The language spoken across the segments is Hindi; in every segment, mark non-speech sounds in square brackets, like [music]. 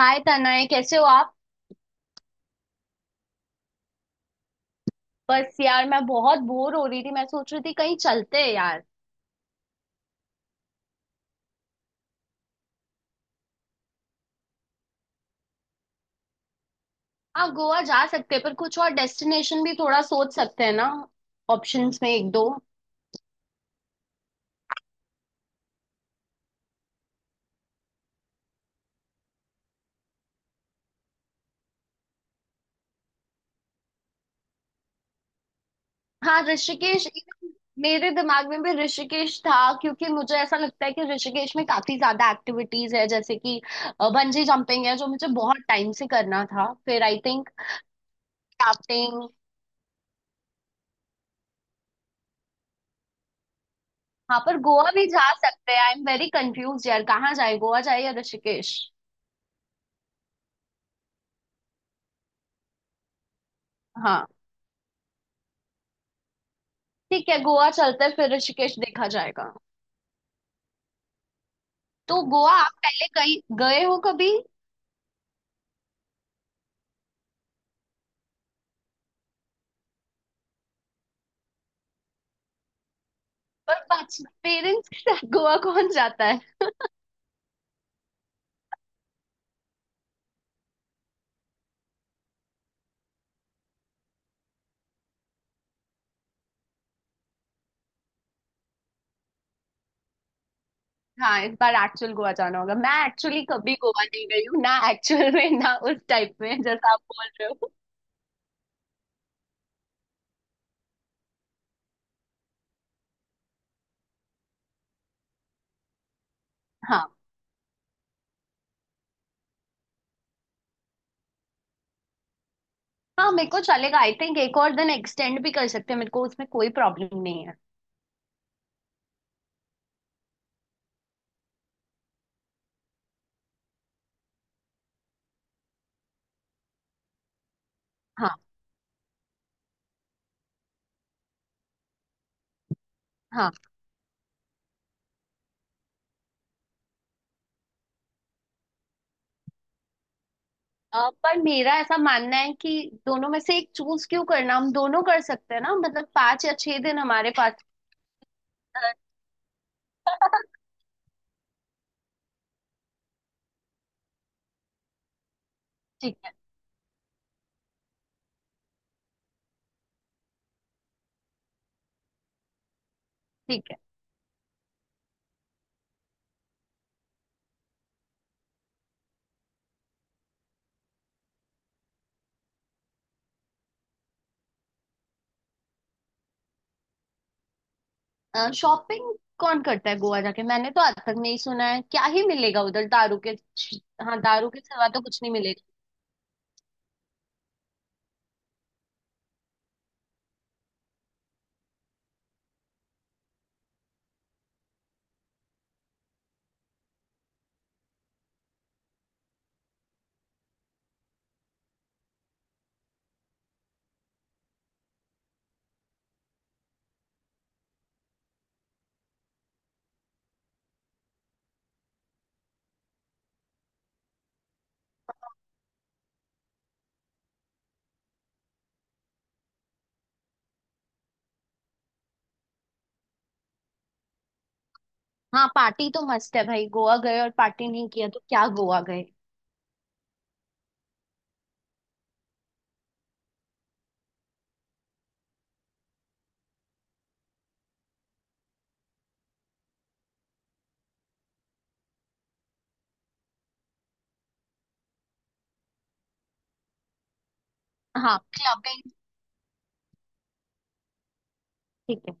हाय तनय, कैसे हो आप? बस यार, मैं बहुत बोर हो रही थी। मैं सोच रही थी कहीं चलते हैं यार। हाँ, गोवा जा सकते हैं, पर कुछ और डेस्टिनेशन भी थोड़ा सोच सकते हैं ना। ऑप्शंस में एक दो। हाँ, ऋषिकेश even मेरे दिमाग में भी ऋषिकेश था। क्योंकि मुझे ऐसा लगता है कि ऋषिकेश में काफी ज्यादा एक्टिविटीज है। जैसे कि बंजी जंपिंग है जो मुझे बहुत टाइम से करना था। फिर आई थिंक राफ्टिंग। हाँ, पर गोवा भी जा सकते हैं। आई एम वेरी कंफ्यूज यार, कहाँ जाए, गोवा जाए या ऋषिकेश। हाँ। ठीक है, गोवा चलते हैं फिर ऋषिकेश देखा जाएगा। तो गोवा आप पहले कहीं गए हो कभी? पर पेरेंट्स के साथ गोवा कौन जाता है? हाँ, इस बार एक्चुअल गोवा जाना होगा। मैं एक्चुअली कभी गोवा नहीं गई हूँ ना एक्चुअल में, ना उस टाइप में जैसा आप बोल रहे हो। हाँ। हाँ, मेरे को चलेगा। आई थिंक एक और दिन एक्सटेंड भी कर सकते हैं, मेरे को उसमें कोई प्रॉब्लम नहीं है। हाँ। हाँ। पर मेरा ऐसा मानना है कि दोनों में से एक चूज क्यों करना, हम दोनों कर सकते हैं ना। मतलब 5 या 6 दिन हमारे पास। अ, ठीक है। ठीक है, शॉपिंग कौन करता है गोवा जाके? मैंने तो आज तक नहीं सुना है क्या ही मिलेगा उधर, दारू के। हाँ, दारू के सिवा तो कुछ नहीं मिलेगा। हाँ, पार्टी तो मस्त है भाई। गोवा गए और पार्टी नहीं किया तो क्या गोवा गए। हाँ, क्लबिंग। ठीक है।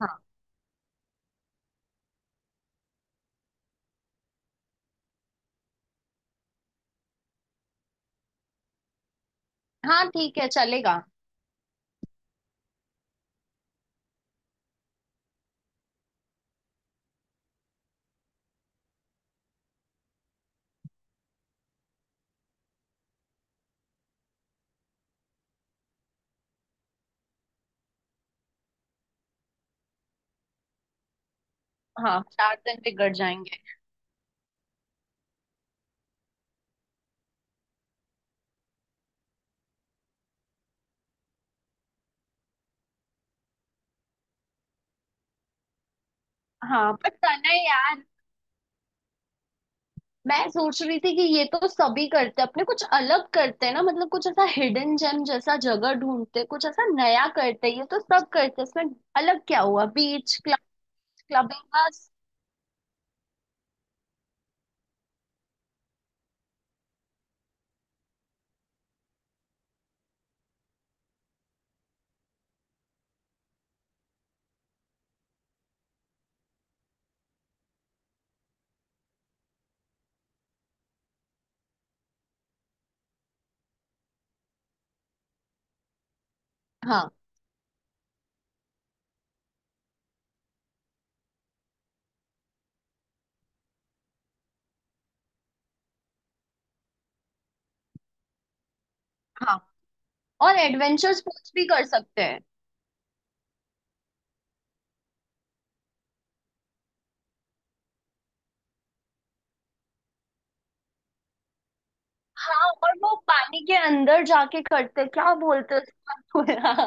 हाँ, हाँ, ठीक है, चलेगा। हाँ, 4 दिन बिगड़ जाएंगे। हाँ, पर तने यार, मैं सोच रही थी कि ये तो सभी करते हैं। अपने कुछ अलग करते हैं ना। मतलब कुछ ऐसा हिडन जेम जैसा जगह ढूंढते हैं, कुछ ऐसा नया करते हैं, ये तो सब करते हैं इसमें। अलग क्या हुआ, बीच क्लब, क्लबिंग। हाँ। हाँ, और एडवेंचर स्पोर्ट्स भी कर सकते हैं। हाँ, और वो पानी के अंदर जाके करते हैं। क्या बोलते हैं उसको?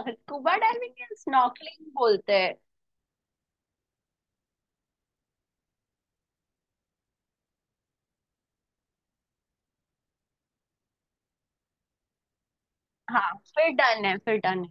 [laughs] स्कूबा डाइविंग या स्नॉर्कलिंग बोलते हैं। हाँ, फिर डन है, फिर डन है।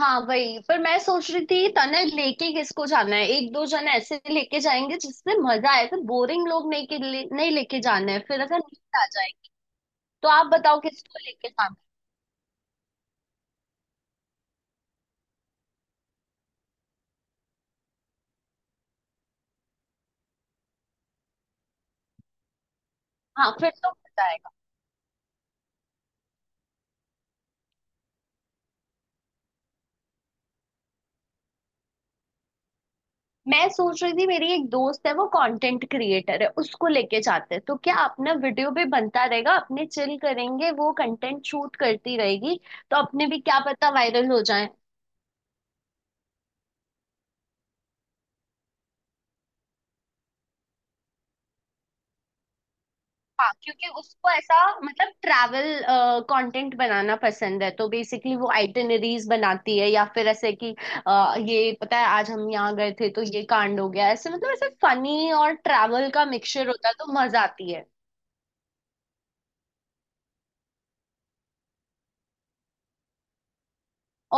हाँ, वही पर मैं सोच रही थी तने, लेके किसको जाना है? एक दो जन ऐसे लेके जाएंगे जिससे मजा आए। फिर बोरिंग लोग नहीं के लिए, नहीं लेके जाना है, फिर अगर नींद आ जाए। तो आप बताओ किसको लेके जाना है। हाँ, फिर तो मजा आएगा। मैं सोच रही थी मेरी एक दोस्त है, वो कंटेंट क्रिएटर है, उसको लेके जाते हैं। तो क्या, अपना वीडियो भी बनता रहेगा, अपने चिल करेंगे, वो कंटेंट शूट करती रहेगी। तो अपने भी क्या पता वायरल हो जाए। हाँ, क्योंकि उसको ऐसा, मतलब ट्रैवल कंटेंट बनाना पसंद है। तो बेसिकली वो आइटिनरीज बनाती है, या फिर ऐसे कि ये पता है आज हम यहाँ गए थे तो ये कांड हो गया। ऐसे मतलब ऐसे फनी और ट्रैवल का मिक्सचर होता है, तो मजा आती है।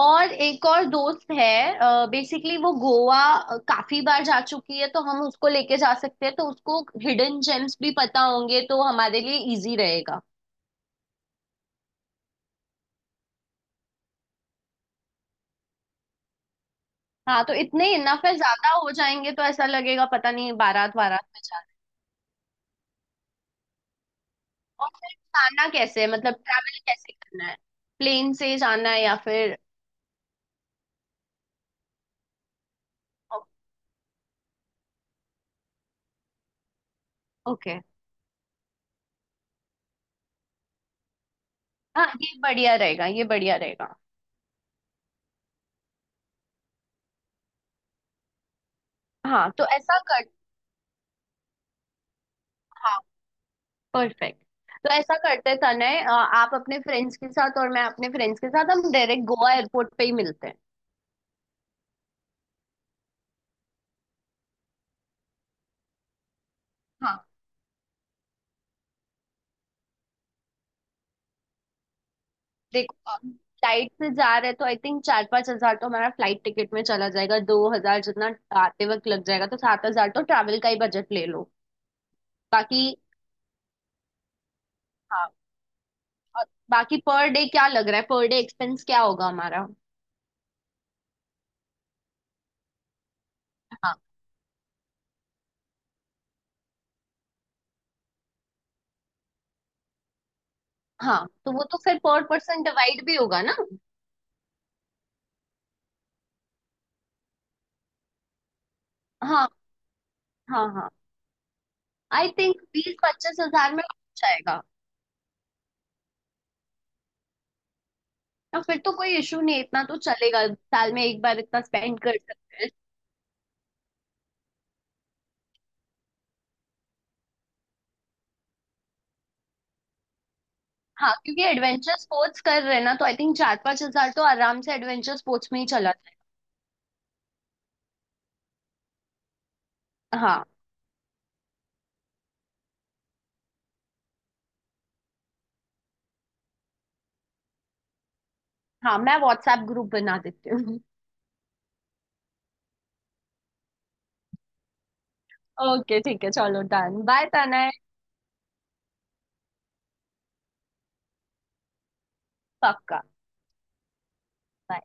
और एक और दोस्त है, बेसिकली वो गोवा काफी बार जा चुकी है, तो हम उसको लेके जा सकते हैं। तो उसको हिडन जेम्स भी पता होंगे, तो हमारे लिए इजी रहेगा। हाँ, तो इतने इनफ है। ज्यादा हो जाएंगे तो ऐसा लगेगा पता नहीं बारात बारात में जाना है। और फिर जाना कैसे है, मतलब ट्रैवल कैसे करना है? प्लेन से जाना है या फिर? ओके। हाँ, ये बढ़िया रहेगा, ये बढ़िया रहेगा। हाँ, तो ऐसा कर। हाँ, परफेक्ट। तो ऐसा करते तने, आप अपने फ्रेंड्स के साथ और मैं अपने फ्रेंड्स के साथ, हम डायरेक्ट गोवा एयरपोर्ट पे ही मिलते हैं। हाँ। देखो फ्लाइट से जा रहे हैं तो आई थिंक 4-5 हजार तो हमारा फ्लाइट टिकट में चला जाएगा। 2 हजार जितना आते वक्त लग जाएगा, तो 7 हजार तो ट्रैवल का ही बजट ले लो। बाकी। हाँ। और बाकी पर डे क्या लग रहा है, पर डे एक्सपेंस क्या होगा हमारा? हाँ। हाँ, तो वो तो फिर पर पर्सन डिवाइड भी होगा ना। हाँ, हाँ, हाँ, आई थिंक 20-25 हजार में हो जाएगा। तो फिर तो कोई इशू नहीं है, इतना तो चलेगा, साल में एक बार इतना स्पेंड कर सकते हैं। हाँ, क्योंकि एडवेंचर स्पोर्ट्स कर रहे हैं ना, तो आई थिंक चार पांच हजार तो आराम से एडवेंचर स्पोर्ट्स में ही चला जाए। हाँ। हाँ, मैं व्हाट्सएप ग्रुप बना देती हूँ। [laughs] ओके ठीक है, चलो डन, बाय तनय। पक्का। Bye.